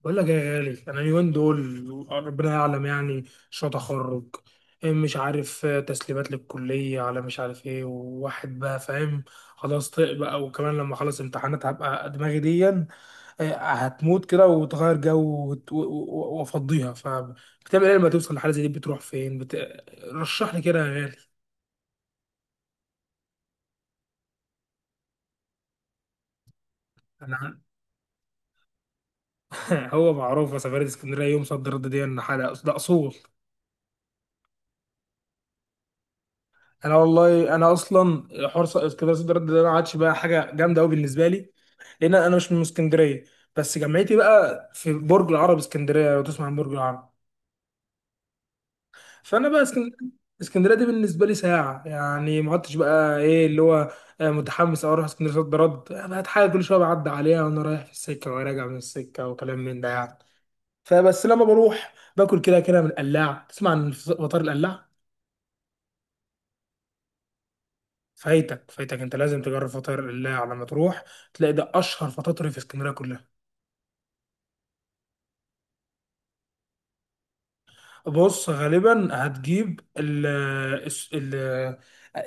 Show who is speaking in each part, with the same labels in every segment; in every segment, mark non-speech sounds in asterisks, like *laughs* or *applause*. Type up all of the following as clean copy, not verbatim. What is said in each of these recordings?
Speaker 1: بقول لك يا غالي، انا اليومين دول ربنا يعلم يعني. شو تخرج؟ إيه مش عارف. آه، تسليمات للكليه، على مش عارف ايه، وواحد بقى فاهم خلاص طق بقى. وكمان لما اخلص امتحانات هبقى دماغي دي هتموت كده وتغير جو وت- و- و- وافضيها. فبتعمل ايه لما توصل لحاله زي دي؟ بتروح فين؟ رشح لي كده يا غالي. انا. *laughs* هو معروفه سفريه اسكندريه يوم صد رد دي ان حاجه؟ ده اصول. انا والله، انا اصلا حوار اسكندريه صد رد ده ما عادش بقى حاجه جامده قوي بالنسبه لي، لان انا مش من اسكندريه. بس جامعتي بقى في برج العرب، اسكندريه، لو تسمع عن برج العرب. فانا بقى اسكندريه، اسكندريه دي بالنسبه لي ساعه يعني، ما عدتش بقى ايه اللي هو متحمس او اروح اسكندريه صد رد. بقت حاجه كل شويه بعدي عليها وانا رايح في السكه وراجع من السكه وكلام من ده يعني. فبس لما بروح باكل كده كده من القلاع. تسمع عن فطار القلاع؟ فايتك، فايتك، انت لازم تجرب فطاير الله على ما تروح. تلاقي ده اشهر فطاطري في اسكندريه كلها. بص، غالبا هتجيب الس- ال-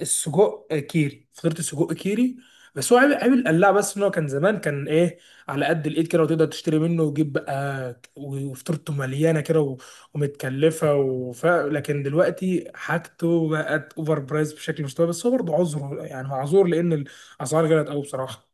Speaker 1: السجق كيري، فطيره السجق كيري. بس هو عيب القلاع بس، ان هو كان زمان كان ايه، على قد الايد كده، وتقدر تشتري منه وتجيب بقى وفطيرته مليانه كده ومتكلفه لكن دلوقتي حاجته بقت اوفر برايس بشكل مش طبيعي. بس هو برضه عذره يعني، معذور، لان الاسعار غلت قوي بصراحه.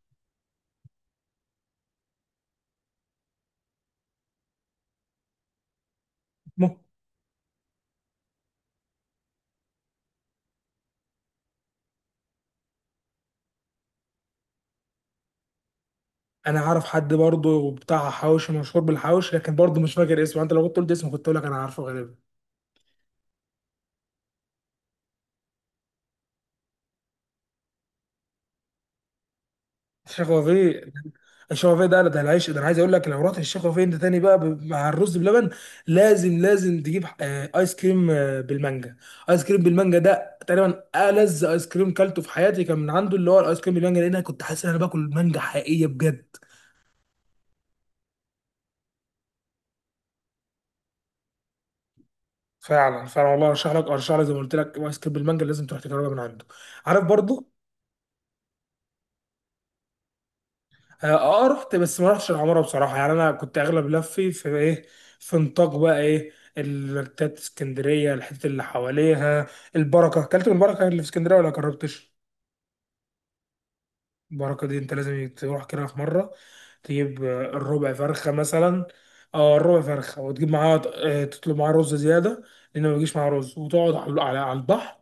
Speaker 1: انا عارف حد برضه بتاع حواوشي مشهور بالحواوشي، لكن برضه مش فاكر اسمه. انت لو كنت قلت اسمه كنت اقول لك انا عارفه غالبا. الشيخ وفيه؟ الشيخ وفيه ده، ده العيش ده انا عايز اقول لك، لو رحت الشيخ وفيه انت تاني بقى مع الرز بلبن لازم تجيب ايس كريم بالمانجا. ايس كريم بالمانجا ده تقريبا ألذ ايس كريم كلته في حياتي، كان من عنده، اللي هو الايس كريم بالمانجا، لان انا كنت حاسس ان انا باكل مانجا حقيقيه بجد. فعلا والله، ارشح لك، ارشح لك، زي ما قلت لك ايس كريم بالمانجا، لازم تروح تجربها من عنده. عارف برضه. اه، رحت بس ما رحتش العماره بصراحه يعني. انا كنت اغلب لفي في ايه، في نطاق بقى ايه، التات اسكندريه، الحته اللي حواليها. البركه، اكلت من البركه اللي في اسكندريه ولا جربتش؟ البركه دي انت لازم تروح كده في مره، تجيب الربع فرخه مثلا. اه الربع فرخه، وتجيب معاها تطلب معاها رز زياده، لان ما بيجيش معاها رز. وتقعد على على البحر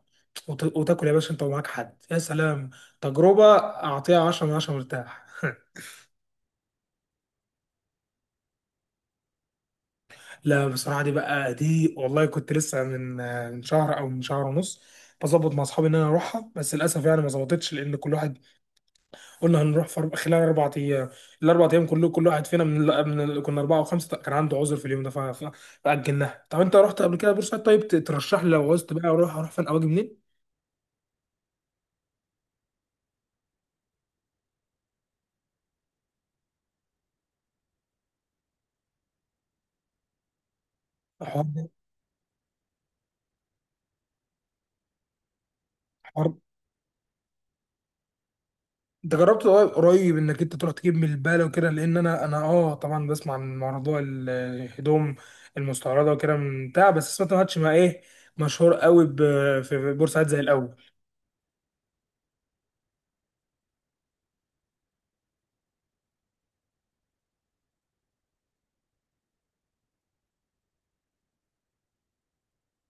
Speaker 1: وتاكل يا باشا انت ومعاك حد، يا سلام. تجربه، اعطيها 10 من 10، مرتاح. *laughs* لا بصراحة، دي بقى دي والله كنت لسه من من شهر أو من شهر ونص بظبط مع أصحابي إن أنا أروحها، بس للأسف يعني ما ظبطتش. لأن كل واحد، قلنا هنروح في خلال 4 أيام، ال4 أيام كله كل واحد فينا كنا 4 و5، كان عنده عذر في اليوم ده، فأجلناها. طب أنت رحت قبل كده بورسعيد؟ طيب ترشح لي لو عوزت بقى أروح، أروح فين أو أجي منين؟ حوار. انت جربت قريب انك انت تروح تجيب من البالة وكده؟ لان انا، انا اه طبعا بسمع عن موضوع الهدوم المستوردة وكده من بتاع، بس سمعت ما عادش مع ايه، مشهور قوي في بورسعيد زي الاول.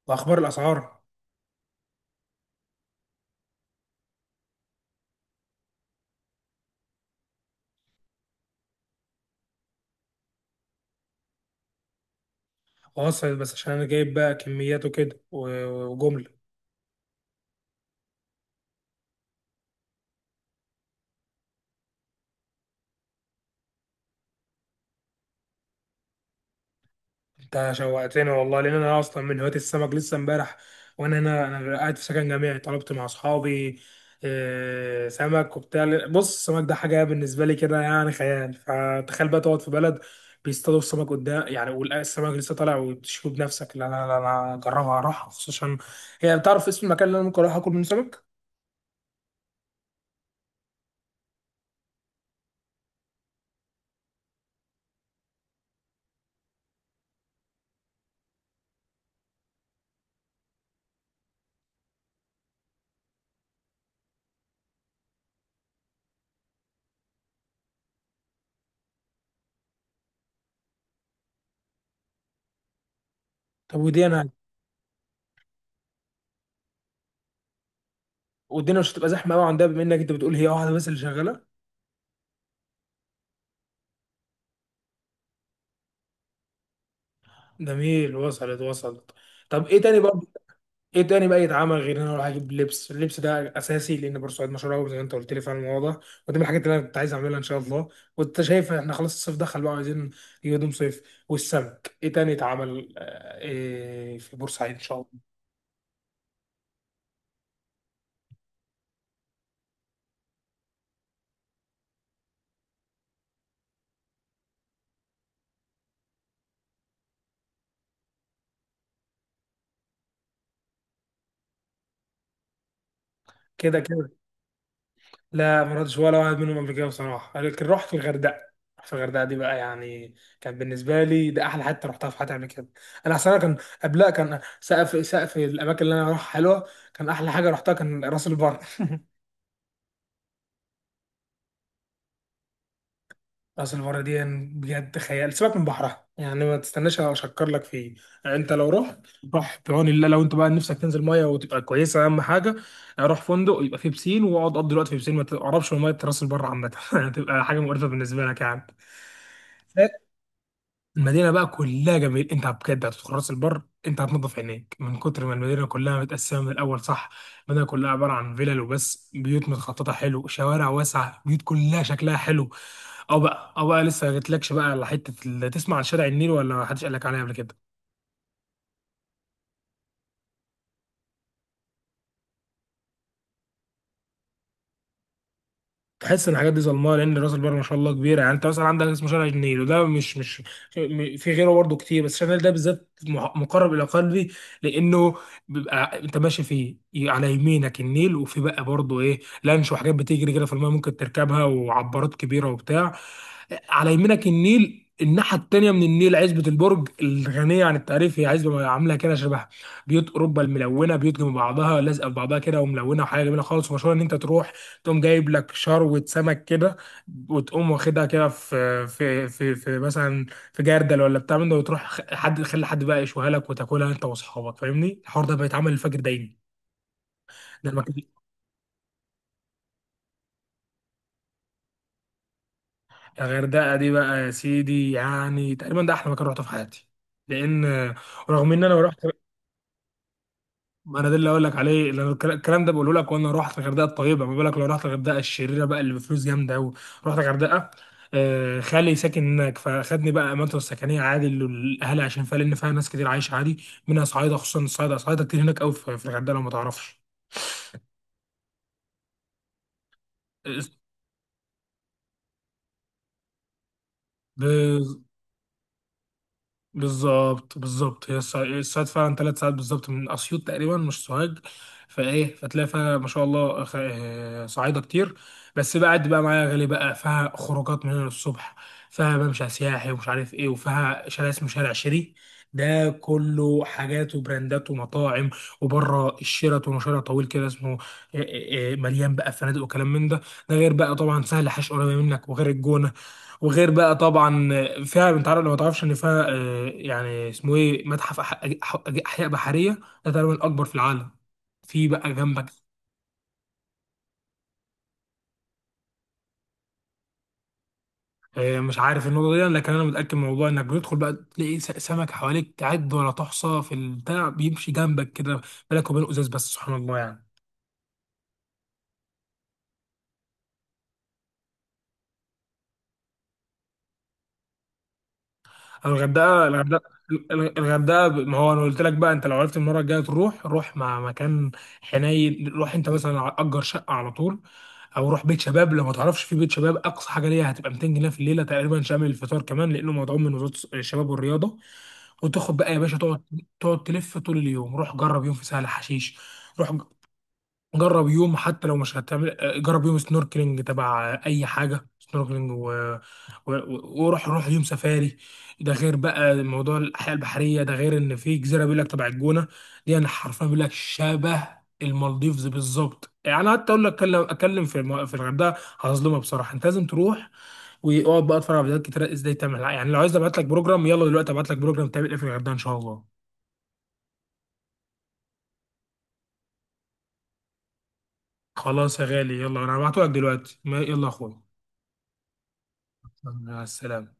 Speaker 1: واخبار الاسعار؟ واصل، بس عشان انا جايب بقى كميات وكده وجملة. انت شوقتني والله، لان انا اصلا من هواة السمك. لسه امبارح وانا هنا، انا قاعد في سكن جامعي، طلبت مع اصحابي سمك وبتاع. بص السمك ده حاجه بالنسبه لي كده يعني خيال. فتخيل بقى تقعد في بلد بيصطادوا السمك قدام يعني، والسمك لسه طالع وبتشوفه بنفسك. لا، انا اجربها اروح خصوصا. هي بتعرف اسم المكان اللي انا ممكن اروح اكل منه سمك؟ طب ودي انا. والدنيا مش هتبقى زحمه قوي عندها، بما انك انت بتقول هي واحده بس اللي شغاله؟ جميل، وصلت. طب ايه تاني بقى؟ ايه تاني بقى يتعمل غير ان انا اروح اجيب لبس؟ اللبس ده اساسي لان بورسعيد مشهور قوي زي ما انت قلت لي فعلا الموضوع ده. ودي من الحاجات اللي انا كنت عايز اعملها ان شاء الله. وانت شايف احنا خلاص الصيف دخل بقى، عايزين نجيب هدوم صيف. والسمك، ايه تاني يتعمل إيه في بورسعيد ان شاء الله؟ كده كده. لا ما رحتش ولا واحد منهم قبل كده بصراحه، لكن رحت في الغردقه. رحت في الغردقه دي بقى يعني كان بالنسبه لي ده احلى حته رحتها في حياتي قبل كده. انا اصلا كان قبلها كان سقف الاماكن اللي انا اروحها حلوه، كان احلى حاجه رحتها كان راس البر. راس البر دي يعني بجد خيال. سيبك من بحرها يعني ما تستناش اشكر لك فيه، يعني انت لو رحت، روح بعون الله. لو انت بقى نفسك تنزل ميه وتبقى كويسه اهم حاجه، روح فندق يبقى فيه بسين، واقعد قضي الوقت في بسين، ما تقربش من ميه راس البر عامه. *laughs* هتبقى حاجه مقرفه بالنسبه لك يعني. المدينه بقى كلها جميل. انت بجد هتدخل راس البر، انت هتنضف عينيك من كتر ما المدينه كلها متقسمه من الاول، صح؟ المدينه كلها عباره عن فيلل وبس، بيوت متخططه حلو، شوارع واسعه، بيوت كلها شكلها حلو. او بقى لسه ما جتلكش بقى على حته تسمع عن شارع النيل ولا ما حدش قال لك عليه قبل كده؟ تحس ان الحاجات دي ظلمها، لان راس البر ما شاء الله كبيره يعني. انت مثلا عندك اسمه شارع النيل، وده مش مش م- في غيره برضه كتير، بس شارع النيل ده بالذات مقرب الى قلبي، لانه بيبقى انت ماشي فيه على يمينك النيل، وفي بقى برضه ايه، لانش وحاجات بتجري كده في الماء ممكن تركبها، وعبارات كبيره وبتاع. على يمينك النيل، الناحيه التانيه من النيل عزبه البرج الغنيه عن التعريف، هي عزبه عامله كده شبه بيوت اوروبا الملونه، بيوت جنب بعضها لازقه في بعضها كده وملونه، وحاجه جميله خالص. ومشهور ان انت تروح تقوم جايب لك شروة سمك كده، وتقوم واخدها كده في مثلا في جردل ولا بتاع من ده، وتروح حد خلي حد بقى يشويها لك وتاكلها انت واصحابك. فاهمني الحوار ده بيتعمل الفجر دايما. ده المكان. الغردقه دي بقى يا سيدي يعني تقريبا ده احلى مكان رحته في حياتي، لان رغم ان انا رحت، ما انا ده اللي اقول لك عليه، اللي الكلام ده بقوله لك. وانا رحت الغردقه الطيبه، ما بالك لو رحت الغردقه الشريره بقى، اللي بفلوس جامده قوي. رحت الغردقه، خالي ساكن هناك فاخدني بقى اماكن السكنيه عادي اللي الاهالي عشان فيها، لان فيها ناس كتير عايشه عادي، منها صعايده. خصوصا الصعايده، صعايده كتير هناك قوي في في الغردقه لو ما تعرفش. آه، بالظبط، بالظبط، هي الصيد فعلا 3 ساعات بالظبط من اسيوط تقريبا، مش سوهاج. فايه فتلاقي فيها ما شاء الله صعايده كتير. بس بقى قد بقى معايا غالي بقى، فيها خروجات من هنا للصبح، فيها ممشى سياحي ومش عارف ايه، وفيها شارع اسمه شارع شيري، ده كله حاجات وبراندات ومطاعم، وبره الشيراتون وشارع طويل كده اسمه مليان بقى فنادق وكلام من ده. ده غير بقى طبعا سهل حش قريبه منك، وغير الجونه، وغير بقى طبعا فيها، انت عارف لو ما تعرفش ان فيها يعني اسمه ايه، متحف احياء بحريه، ده تقريبا الاكبر في العالم، في بقى جنبك. مش عارف النقطه دي، لكن انا متاكد من الموضوع، انك بتدخل بقى تلاقي سمك حواليك تعد ولا تحصى، في البتاع بيمشي جنبك كده بالك وبين ازاز، بس سبحان الله يعني. الغردقه الغردقه الغردقه. ما هو انا قلت لك بقى، انت لو عرفت المره الجايه تروح، روح مع مكان حنين. روح انت مثلا اجر شقه على طول، او روح بيت شباب لو ما تعرفش. في بيت شباب اقصى حاجه ليها هتبقى 200 جنيه في الليله تقريبا، شامل الفطار كمان، لانه مدعوم من وزاره الشباب والرياضه. وتاخد بقى يا باشا تقعد، تلف طول اليوم. روح جرب يوم في سهل حشيش، روح جرب يوم حتى لو مش هتعمل جرب يوم سنوركلينج تبع اي حاجه سنوركلينج وروح يوم سفاري. ده غير بقى موضوع الحياه البحريه، ده غير ان في جزيره بيقول لك تبع الجونه دي، انا حرفيا بيقول لك شبه المالديفز بالظبط يعني. حتى اقول لك اتكلم، اتكلم في في الغردقه هظلمها بصراحه. انت لازم تروح واقعد بقى اتفرج على فيديوهات كتير ازاي تعمل يعني. لو عايز ابعت لك بروجرام، يلا دلوقتي ابعت لك بروجرام تعمل ايه في الغردقه ان شاء الله. خلاص يا غالي، يلا انا هبعته لك دلوقتي. يلا يا اخويا. مع السلامه.